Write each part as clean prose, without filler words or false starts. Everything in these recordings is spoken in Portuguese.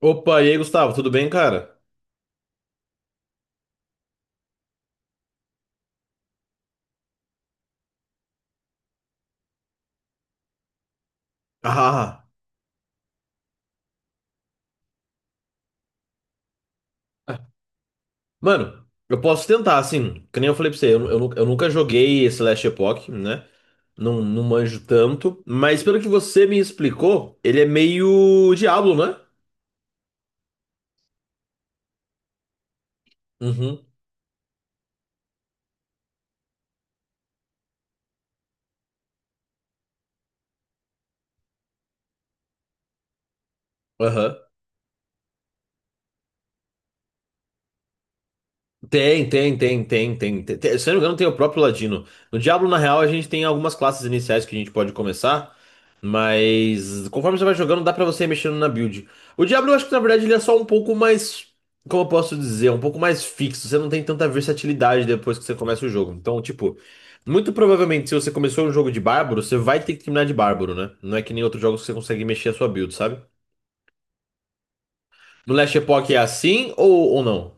Opa, e aí, Gustavo, tudo bem, cara? Ah, mano, eu posso tentar, assim, que nem eu falei pra você, eu nunca joguei esse Last Epoch, né? Não, não manjo tanto, mas pelo que você me explicou, ele é meio Diablo, né? Uhum, aham. Tem. Se eu não me engano, tem o próprio Ladino. No Diablo, na real, a gente tem algumas classes iniciais que a gente pode começar. Mas conforme você vai jogando, dá pra você ir mexendo na build. O Diablo, eu acho que na verdade ele é só um pouco mais. Como eu posso dizer? Um pouco mais fixo. Você não tem tanta versatilidade depois que você começa o jogo. Então, tipo, muito provavelmente se você começou um jogo de bárbaro, você vai ter que terminar de bárbaro, né? Não é que nem outros jogos que você consegue mexer a sua build, sabe? No Last Epoch é assim ou não?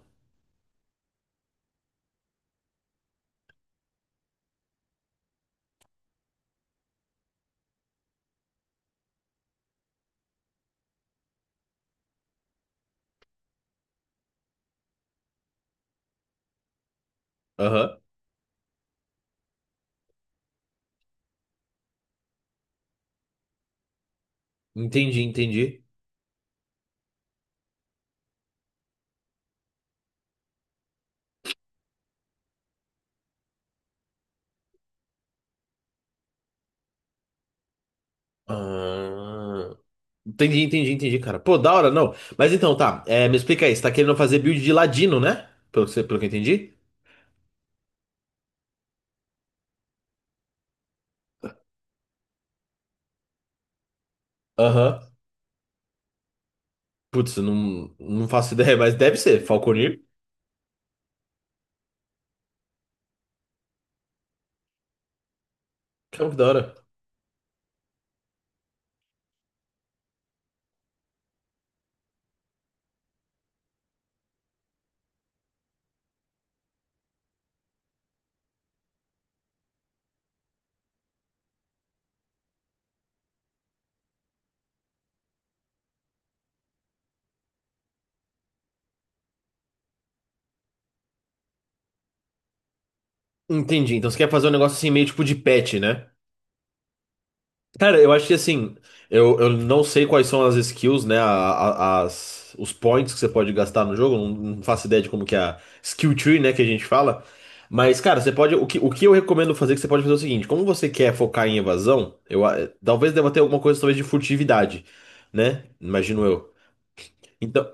Aham. Entendi, entendi. Ah, entendi, entendi, entendi, cara. Pô, da hora, não. Mas então, tá. É, me explica aí. Você tá querendo fazer build de ladino, né? Pelo que eu entendi. Aham. Putz, eu não faço ideia, mas deve ser. Falconir? Caramba, que da hora. Entendi. Então você quer fazer um negócio assim, meio tipo de pet, né? Cara, eu acho que assim, eu não sei quais são as skills, né? Os points que você pode gastar no jogo. Não, não faço ideia de como que é a skill tree, né, que a gente fala. Mas, cara, você pode. O que eu recomendo fazer, é que você pode fazer é o seguinte: como você quer focar em evasão, talvez deva ter alguma coisa talvez de furtividade, né? Imagino eu. Então.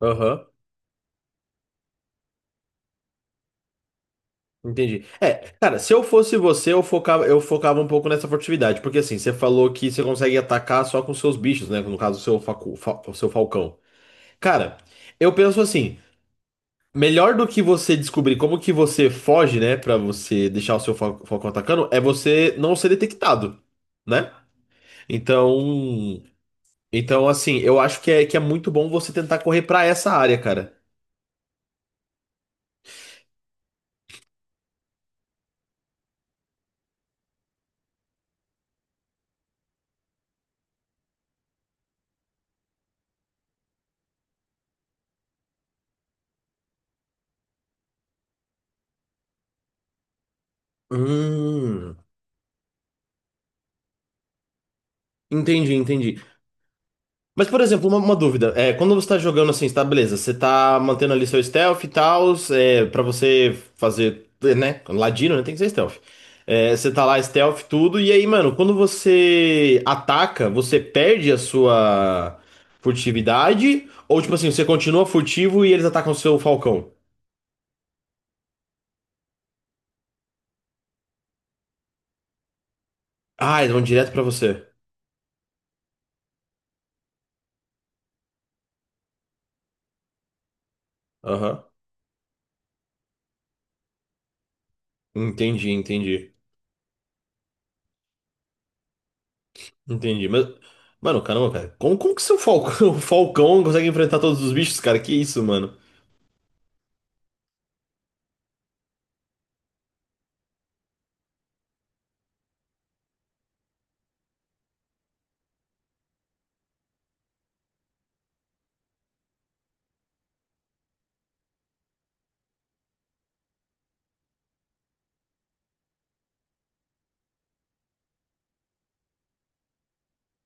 Aham. Entendi. É, cara, se eu fosse você, eu focava um pouco nessa furtividade, porque assim, você falou que você consegue atacar só com seus bichos, né? No caso, o seu falcão. Cara, eu penso assim, melhor do que você descobrir como que você foge, né, pra você deixar o seu falcão atacando, é você não ser detectado, né? Então, então assim, eu acho que é muito bom você tentar correr pra essa área, cara. Hum, entendi, entendi. Mas, por exemplo, uma dúvida. É, quando você tá jogando assim, tá, beleza, você tá mantendo ali seu stealth e tal, é, pra você fazer, né? Ladino, né? Tem que ser stealth. É, você tá lá stealth, tudo, e aí, mano, quando você ataca, você perde a sua furtividade? Ou, tipo assim, você continua furtivo e eles atacam o seu falcão? Ah, eles vão direto pra você. Aham. Entendi, entendi. Entendi. Mas, mano, caramba, cara. Como que seu falcão, o falcão consegue enfrentar todos os bichos, cara? Que isso, mano?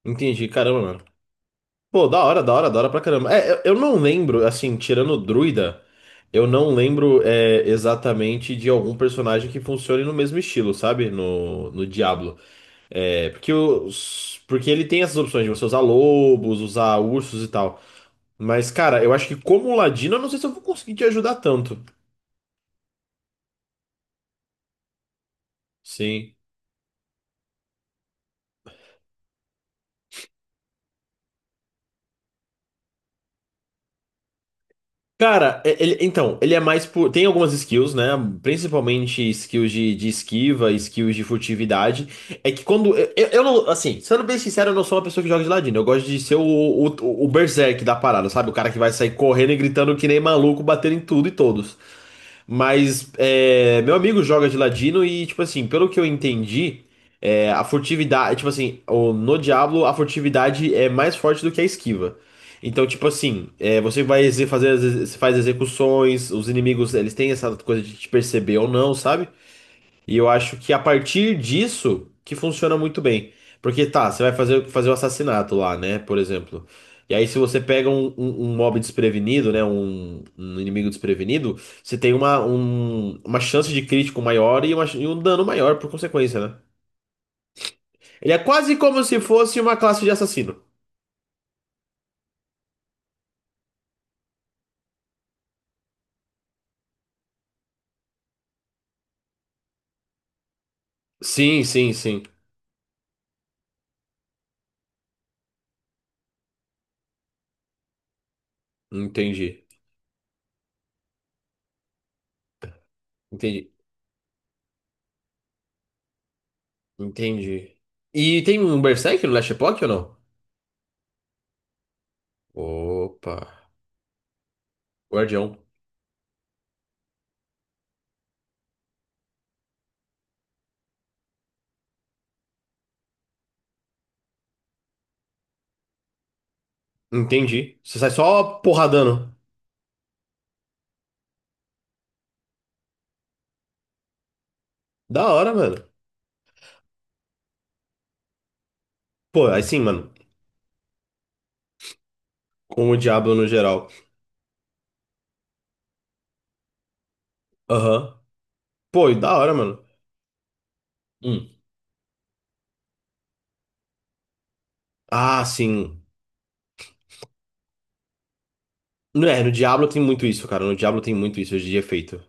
Entendi, caramba, mano. Pô, da hora pra caramba. É, eu não lembro, assim, tirando o Druida, eu não lembro é, exatamente de algum personagem que funcione no mesmo estilo, sabe? No Diablo. É, porque, os, porque ele tem essas opções de você usar lobos, usar ursos e tal. Mas, cara, eu acho que como ladino, eu não sei se eu vou conseguir te ajudar tanto. Sim. Cara, então, ele é mais por. Tem algumas skills, né? Principalmente skills de esquiva, skills de furtividade. É que quando. Eu não. Assim, sendo bem sincero, eu não sou uma pessoa que joga de ladino. Eu gosto de ser o berserk da parada, sabe? O cara que vai sair correndo e gritando que nem maluco, batendo em tudo e todos. Mas é, meu amigo joga de ladino e, tipo assim, pelo que eu entendi, é, a furtividade, tipo assim, no Diablo a furtividade é mais forte do que a esquiva. Então, tipo assim, é, você vai fazer, faz execuções, os inimigos, eles têm essa coisa de te perceber ou não, sabe? E eu acho que a partir disso que funciona muito bem. Porque tá, você vai fazer o assassinato lá, né? Por exemplo. E aí, se você pega um mob desprevenido, né? Um inimigo desprevenido, você tem uma chance de crítico maior e, e um dano maior por consequência, né? Ele é quase como se fosse uma classe de assassino. Sim. Entendi. Entendi. Entendi. E tem um Berserk no Last Epoch ou não? Opa. Guardião. Entendi. Você sai só porradando. Da hora, mano. Pô, aí sim, mano. Com o Diablo no geral. Aham. Pô, e da hora, mano. Hum. Ah, sim. Não é, no Diablo tem muito isso, cara. No Diablo tem muito isso de efeito.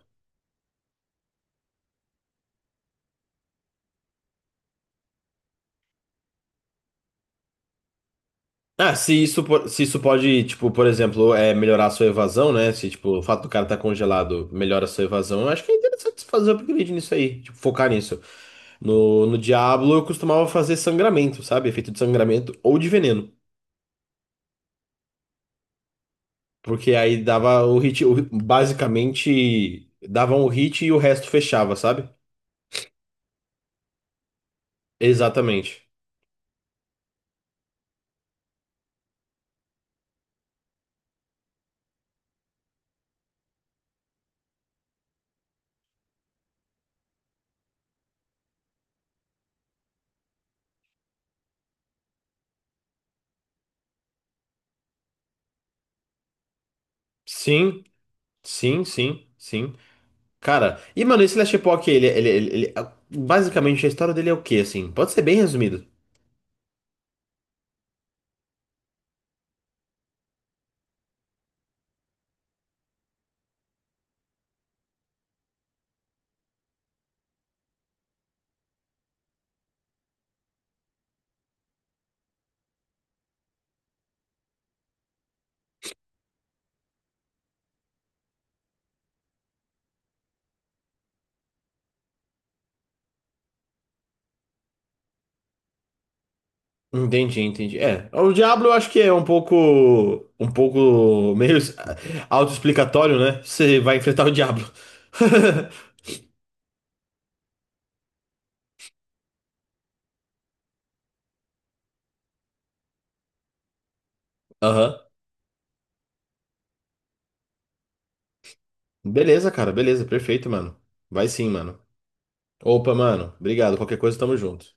Ah, se isso, se isso pode, tipo, por exemplo, é melhorar a sua evasão, né? Se, tipo, o fato do cara tá congelado melhora a sua evasão, eu acho que é interessante você fazer um upgrade nisso aí. Tipo, focar nisso. No Diablo eu costumava fazer sangramento, sabe? Efeito de sangramento ou de veneno. Porque aí dava o hit, basicamente dava um hit e o resto fechava, sabe? Exatamente. Sim, sim. Cara, e mano, esse Last Epoch, basicamente a história dele é o quê, assim? Pode ser bem resumido. Entendi, entendi. É, o Diablo eu acho que é um pouco meio autoexplicatório, né? Você vai enfrentar o Diablo. Aham. Beleza, cara, beleza, perfeito, mano. Vai sim, mano. Opa, mano, obrigado. Qualquer coisa, tamo junto.